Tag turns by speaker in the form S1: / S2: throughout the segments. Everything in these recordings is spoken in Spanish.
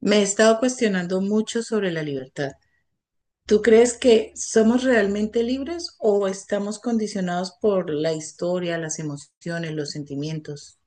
S1: Me he estado cuestionando mucho sobre la libertad. ¿Tú crees que somos realmente libres o estamos condicionados por la historia, las emociones, los sentimientos?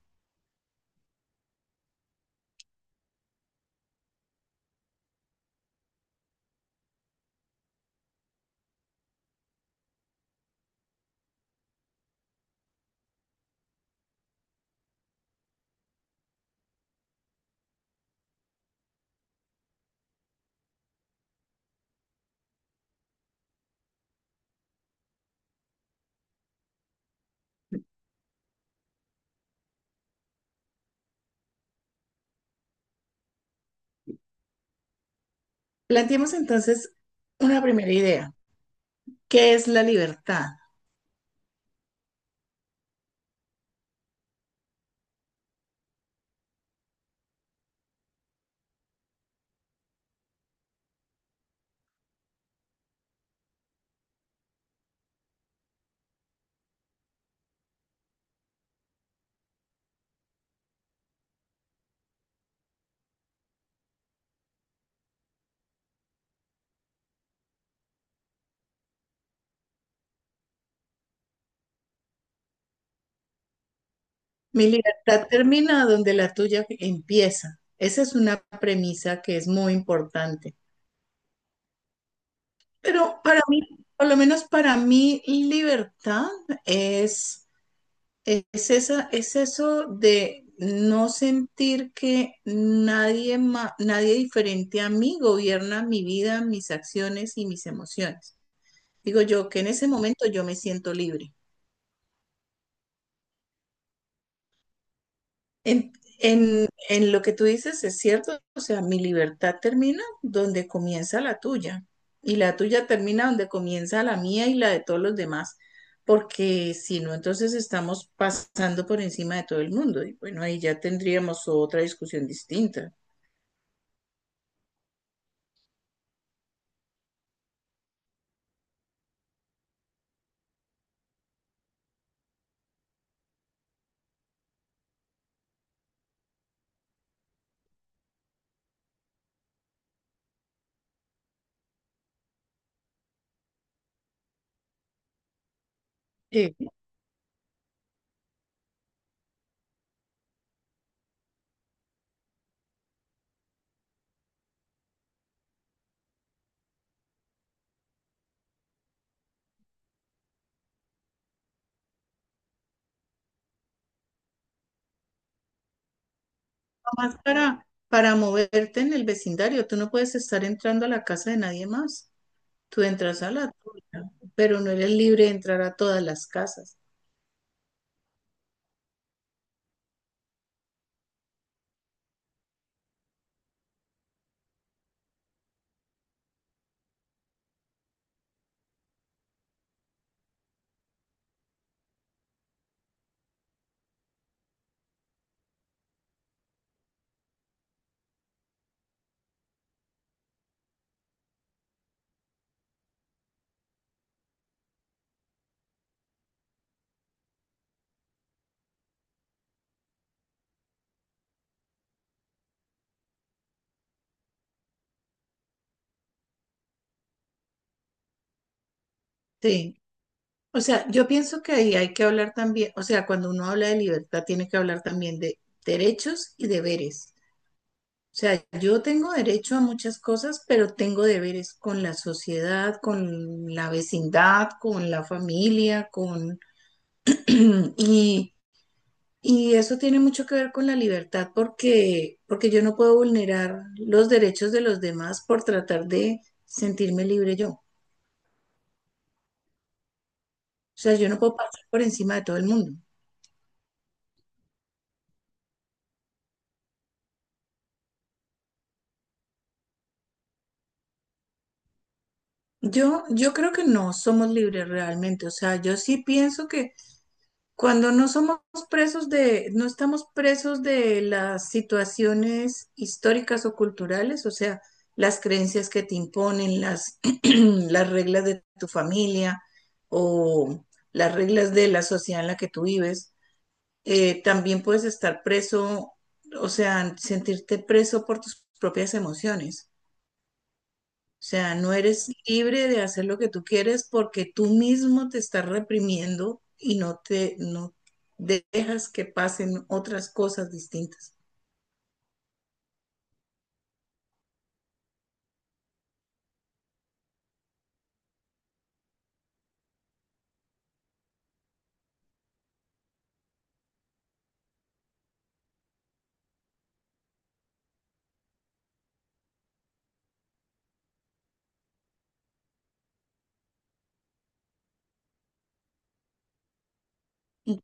S1: Planteemos entonces una primera idea. ¿Qué es la libertad? Mi libertad termina donde la tuya empieza. Esa es una premisa que es muy importante. Pero para mí, por lo menos para mí, libertad es es eso de no sentir que nadie diferente a mí gobierna mi vida, mis acciones y mis emociones. Digo yo que en ese momento yo me siento libre. En, en lo que tú dices es cierto, o sea, mi libertad termina donde comienza la tuya y la tuya termina donde comienza la mía y la de todos los demás, porque si no, entonces estamos pasando por encima de todo el mundo y bueno, ahí ya tendríamos otra discusión distinta. Sí. Nada más para moverte en el vecindario, tú no puedes estar entrando a la casa de nadie más, tú entras a la tuya, pero no eres libre de entrar a todas las casas. Sí. O sea, yo pienso que ahí hay que hablar también, o sea, cuando uno habla de libertad, tiene que hablar también de derechos y deberes. O sea, yo tengo derecho a muchas cosas, pero tengo deberes con la sociedad, con la vecindad, con la familia, con... y, y eso tiene mucho que ver con la libertad porque yo no puedo vulnerar los derechos de los demás por tratar de sentirme libre yo. O sea, yo no puedo pasar por encima de todo el mundo. Yo creo que no somos libres realmente. O sea, yo sí pienso que cuando no somos no estamos presos de las situaciones históricas o culturales, o sea, las creencias que te imponen, las, las reglas de tu familia o las reglas de la sociedad en la que tú vives, también puedes estar preso, o sea, sentirte preso por tus propias emociones. O sea, no eres libre de hacer lo que tú quieres porque tú mismo te estás reprimiendo y no dejas que pasen otras cosas distintas. Y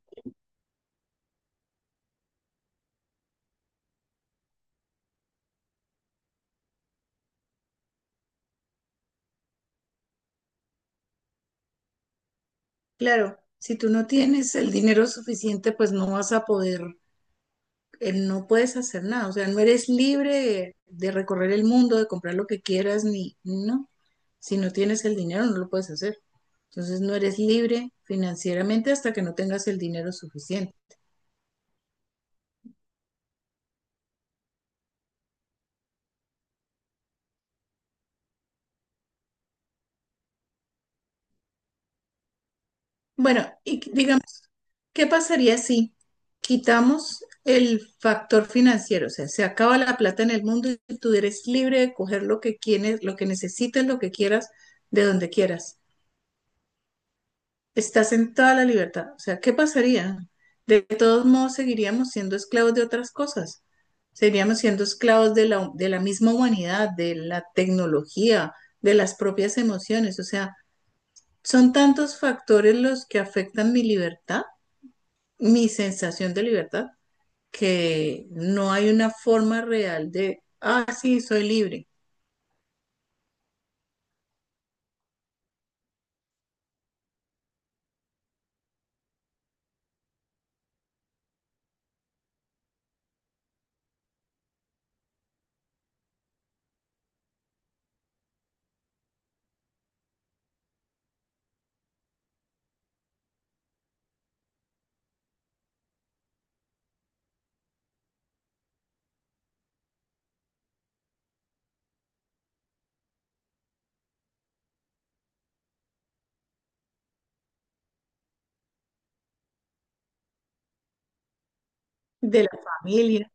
S1: claro, si tú no tienes el dinero suficiente, pues no vas a poder, no puedes hacer nada. O sea, no eres libre de recorrer el mundo, de comprar lo que quieras, ni no. Si no tienes el dinero, no lo puedes hacer. Entonces no eres libre financieramente hasta que no tengas el dinero suficiente. Bueno, digamos, ¿qué pasaría si quitamos el factor financiero? O sea, se acaba la plata en el mundo y tú eres libre de coger lo que quieres, lo que necesites, lo que quieras, de donde quieras. Estás en toda la libertad. O sea, ¿qué pasaría? De todos modos, seguiríamos siendo esclavos de otras cosas. Seguiríamos siendo esclavos de la misma humanidad, de la tecnología, de las propias emociones. O sea, son tantos factores los que afectan mi libertad, mi sensación de libertad, que no hay una forma real de, ah, sí, soy libre, de la familia.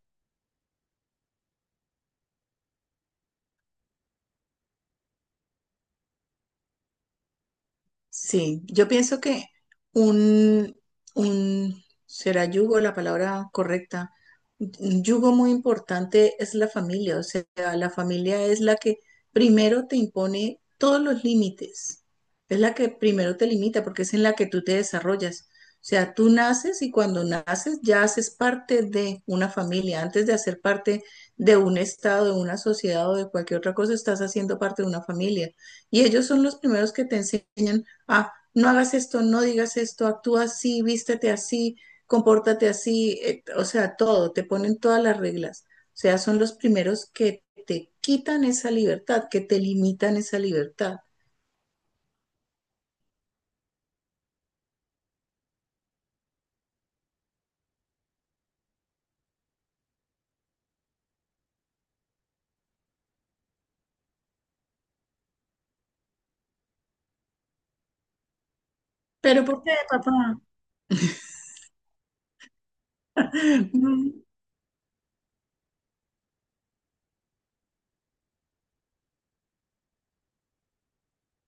S1: Sí, yo pienso que un, será yugo la palabra correcta. Un yugo muy importante es la familia, o sea, la familia es la que primero te impone todos los límites, es la que primero te limita porque es en la que tú te desarrollas. O sea, tú naces y cuando naces ya haces parte de una familia. Antes de hacer parte de un estado, de una sociedad o de cualquier otra cosa, estás haciendo parte de una familia. Y ellos son los primeros que te enseñan ah, no hagas esto, no digas esto, actúa así, vístete así, compórtate así, o sea, todo, te ponen todas las reglas. O sea, son los primeros que te quitan esa libertad, que te limitan esa libertad. ¿Pero por qué, papá? Mm.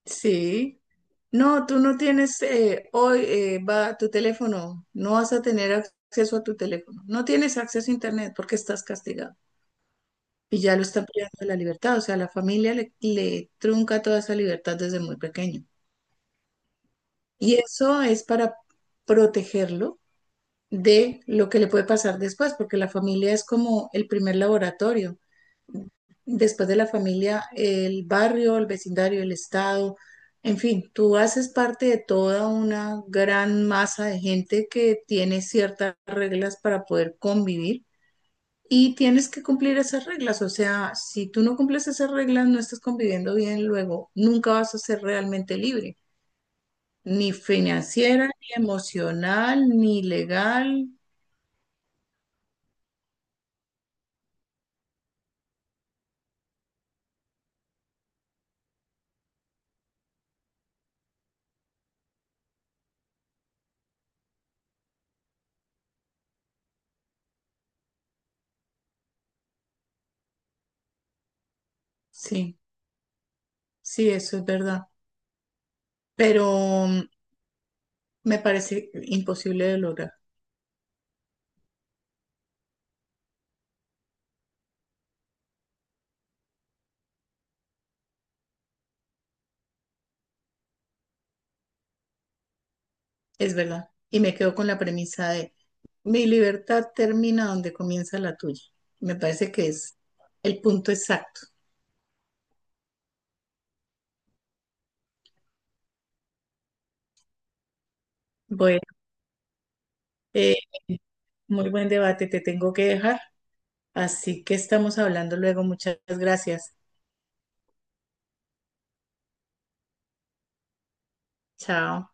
S1: Sí. No, tú no tienes, hoy, va tu teléfono, no vas a tener acceso a tu teléfono, no tienes acceso a internet porque estás castigado. Y ya lo está privando de la libertad. O sea, la familia le trunca toda esa libertad desde muy pequeño. Y eso es para protegerlo de lo que le puede pasar después, porque la familia es como el primer laboratorio. Después de la familia, el barrio, el vecindario, el estado, en fin, tú haces parte de toda una gran masa de gente que tiene ciertas reglas para poder convivir. Y tienes que cumplir esas reglas, o sea, si tú no cumples esas reglas, no estás conviviendo bien luego, nunca vas a ser realmente libre, ni financiera, ni emocional, ni legal. Sí, sí, eso es verdad, pero mm, me parece imposible de lograr, es verdad. Y me quedo con la premisa de mi libertad termina donde comienza la tuya. Me parece que es el punto exacto. Bueno, eh, muy buen debate, te tengo que dejar. Así que estamos hablando luego. Muchas gracias. Chao.